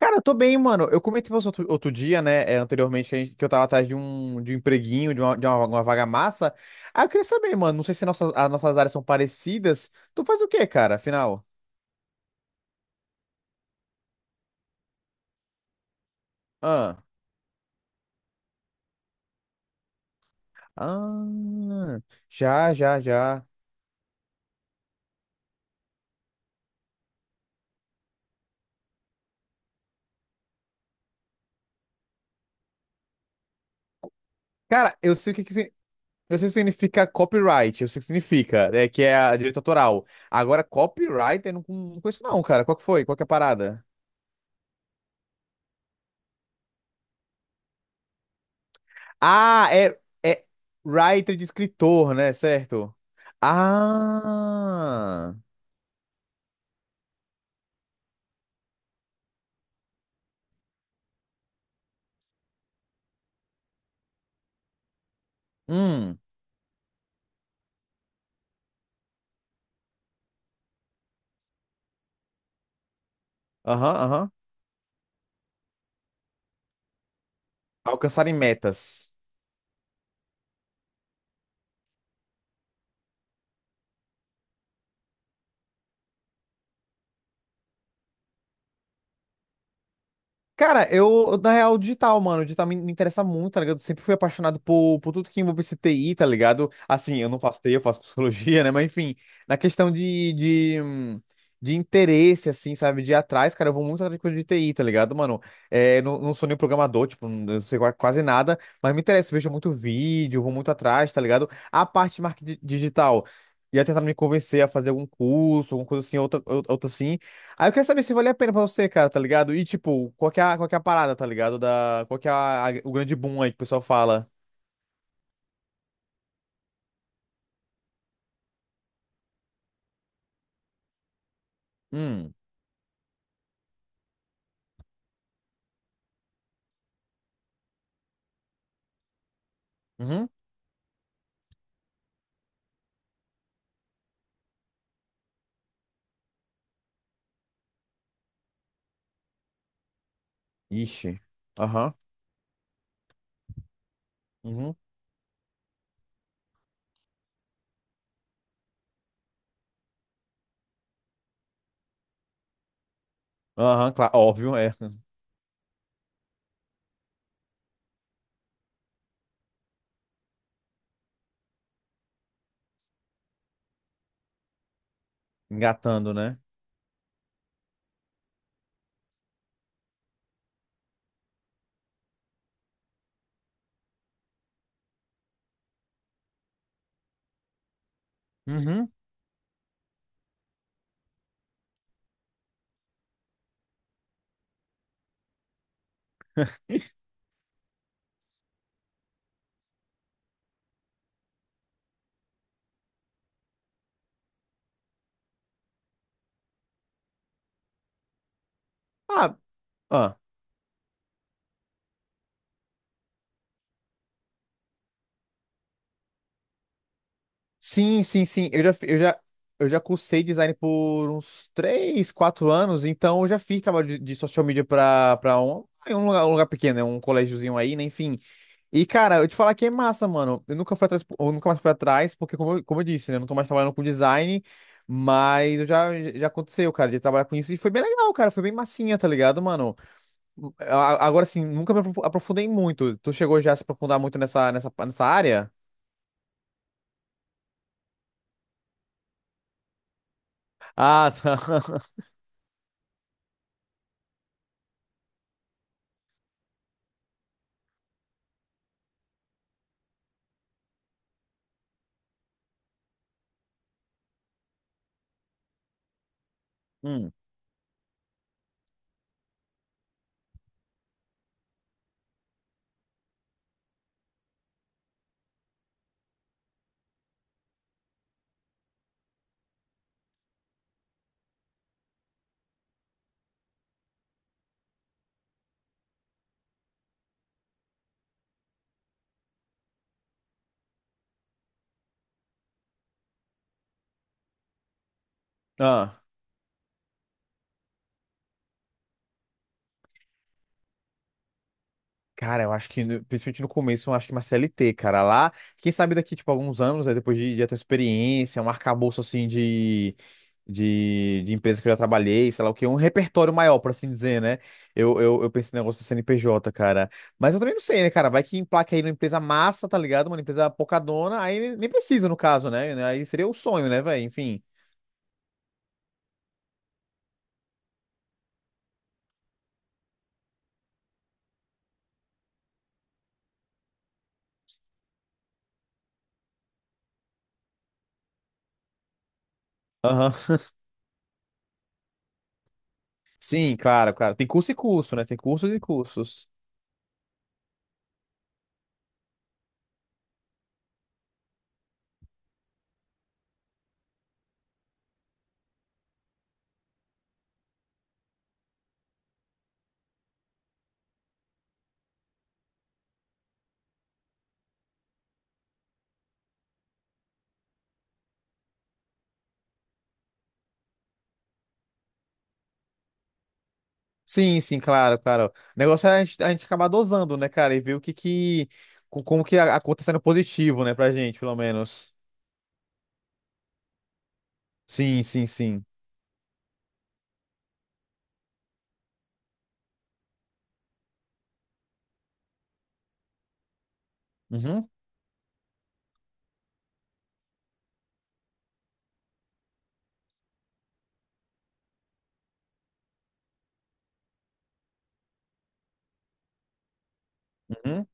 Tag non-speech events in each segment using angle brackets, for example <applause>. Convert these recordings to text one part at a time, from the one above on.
Cara, eu tô bem, mano. Eu comentei com você outro dia, né, anteriormente, que eu tava atrás de um empreguinho, de uma vaga massa. Ah, eu queria saber, mano, não sei se as nossas áreas são parecidas. Tu faz o quê, cara, afinal? Ah, ah, já, já, já. Cara, eu sei o que significa copyright, eu sei o que significa, que é a direito autoral. Agora, copywriter, eu não conheço não, cara. Qual que foi? Qual que é a parada? Ah, é writer de escritor, né? Certo? Ah. Hum. Aham, aham. Alcançarem metas. Cara, eu, na real, digital, mano, digital me interessa muito, tá ligado? Eu sempre fui apaixonado por tudo que envolve esse TI, tá ligado? Assim, eu não faço TI, eu faço <laughs> psicologia, né? Mas, enfim, na questão de interesse, assim, sabe? De ir atrás, cara, eu vou muito atrás de coisa de TI, tá ligado, mano? É, não sou nem programador, tipo, não, eu sei quase nada, mas me interessa, eu vejo muito vídeo, vou muito atrás, tá ligado? A parte de marketing digital. Ia tentar me convencer a fazer algum curso, alguma coisa assim, outra assim. Aí eu queria saber se valia a pena pra você, cara, tá ligado? E, tipo, qual que é a parada, tá ligado? Da, qual que é a- o grande boom aí que o pessoal fala? Hum, uhum, ixi, aham, uhum, aham, claro, óbvio, <laughs> engatando, né? Uhum. Ah, ah, sim, sim, sim, eu já, fi- eu já cursei design por uns 3, 4 anos, então eu já fiz trabalho de social media pra um lugar pequeno, né? Um colégiozinho aí, né? Enfim. E, cara, eu te falar que é massa, mano. Eu nunca mais fui atrás, porque, como eu disse, né? Eu não tô mais trabalhando com design, mas eu já aconteceu, cara, de trabalhar com isso. E foi bem legal, cara. Foi bem massinha, tá ligado, mano? Agora, sim, nunca me aprofundei muito. Tu chegou já a se aprofundar muito nessa área? Ah, tá. <laughs> Hum. Ah. Cara, eu acho que, principalmente no começo, eu acho que uma CLT, cara, lá, quem sabe daqui, tipo, alguns anos, aí depois de ter experiência, um arcabouço, assim, de empresa que eu já trabalhei, sei lá o que, um repertório maior, por assim dizer, né? Eu penso no negócio do CNPJ, cara. Mas eu também não sei, né, cara? Vai que emplaca aí numa empresa massa, tá ligado? Uma empresa pocadona, aí nem precisa, no caso, né? Aí seria o sonho, né, velho? Enfim. Aham. Sim, claro, claro. Tem curso e curso, né? Tem cursos e cursos. Sim, sim, claro, claro. O negócio é a gente acabar dosando, né, cara? E ver o que que. Como que a conta tá sendo positivo, né, pra gente, pelo menos. Sim, sim, sim. Uhum, uhum.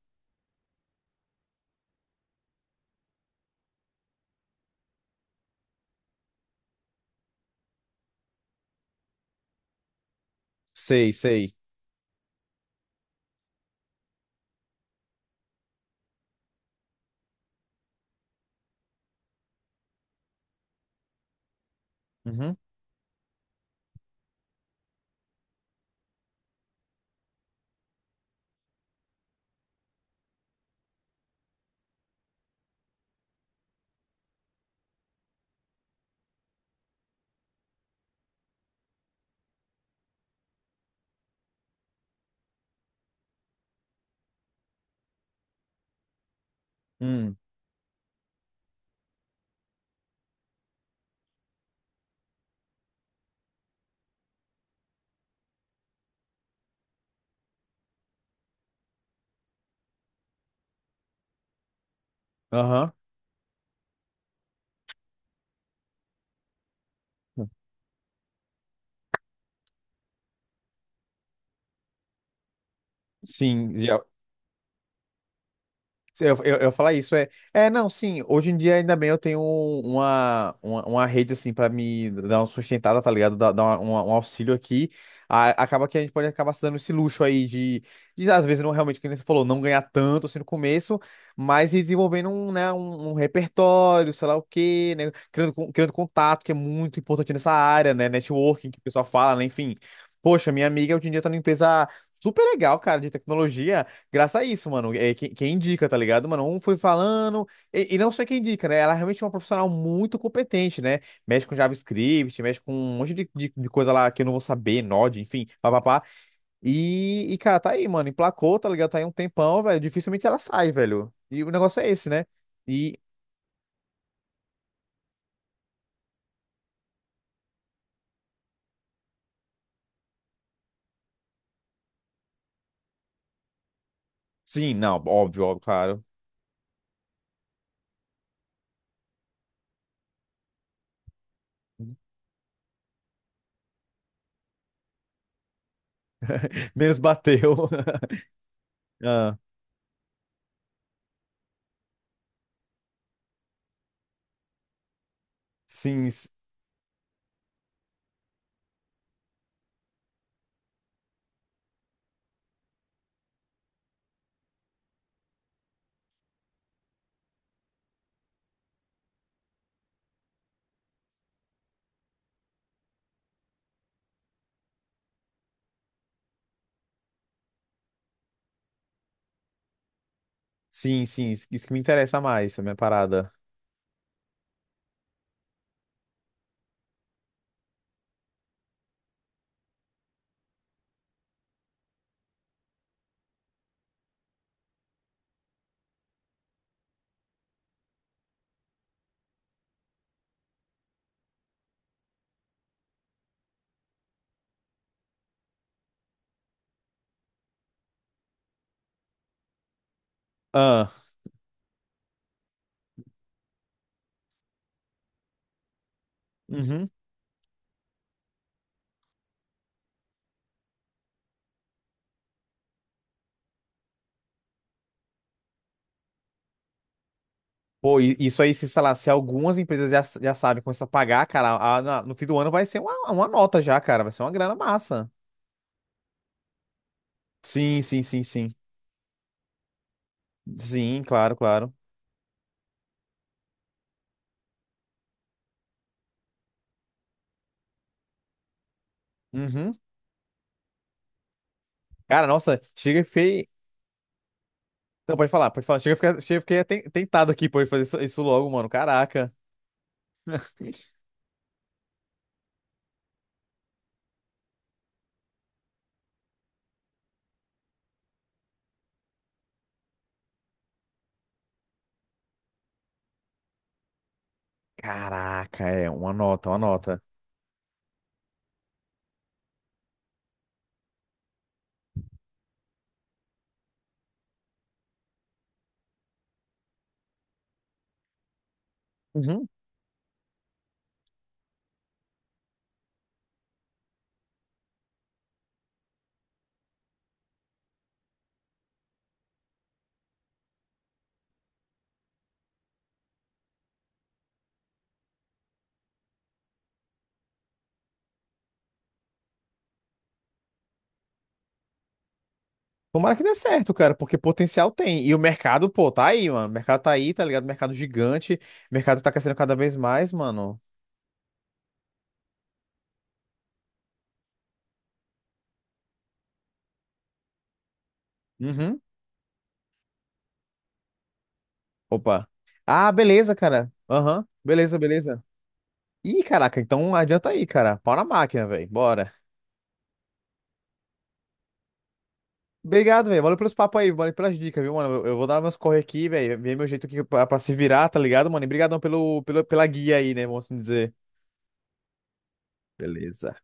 Sei, sei. Uhum. Hum, aham. Sim, já. Eu falar isso é, é não, sim, hoje em dia ainda bem eu tenho uma rede assim pra me dar uma sustentada, tá ligado? Dar um auxílio aqui. Acaba que a gente pode acabar se dando esse luxo aí de às vezes não realmente, como você falou, não ganhar tanto assim no começo, mas ir desenvolvendo um, né, um repertório, sei lá o quê, né? Criando contato, que é muito importante nessa área, né? Networking, que o pessoal fala, né? Enfim. Poxa, minha amiga hoje em dia tá numa empresa super legal, cara, de tecnologia. Graças a isso, mano. É, quem indica, tá ligado, mano? Um foi falando, e não só quem indica, né? Ela é realmente é uma profissional muito competente, né? Mexe com JavaScript, mexe com um monte de coisa lá que eu não vou saber, Node, enfim, papapá. E, cara, tá aí, mano. Emplacou, tá ligado? Tá aí um tempão, velho. Dificilmente ela sai, velho. E o negócio é esse, né? E, sim, não, óbvio, óbvio, claro. <laughs> Menos bateu. <laughs> Ah, sim, sim, sim. Isso que me interessa mais, a minha parada. Ah, uhum. Pô, e isso aí, se, sei lá, se algumas empresas já sabem começar a pagar, cara, no fim do ano vai ser uma nota já, cara. Vai ser uma grana massa. Sim, sim, sim, sim. Sim, claro, claro. Uhum. Cara, nossa, chega e fei. Não, pode falar, pode falar. Chega e fiquei tentado aqui, pode fazer isso logo, mano. Caraca. Caraca, é uma nota, uma nota. Uhum. Tomara que dê certo, cara, porque potencial tem. E o mercado, pô, tá aí, mano. O mercado tá aí, tá ligado? Mercado gigante. O mercado tá crescendo cada vez mais, mano. Uhum. Opa. Ah, beleza, cara. Aham. Beleza, beleza. Ih, caraca, então adianta aí, cara. Pau na máquina, velho. Bora. Obrigado, velho. Valeu pelos papos aí, valeu pelas dicas, viu, mano? Eu vou dar meus corre aqui, velho. Ver meu jeito aqui pra se virar, tá ligado, mano? E brigadão pela guia aí, né, vamos assim dizer. Beleza.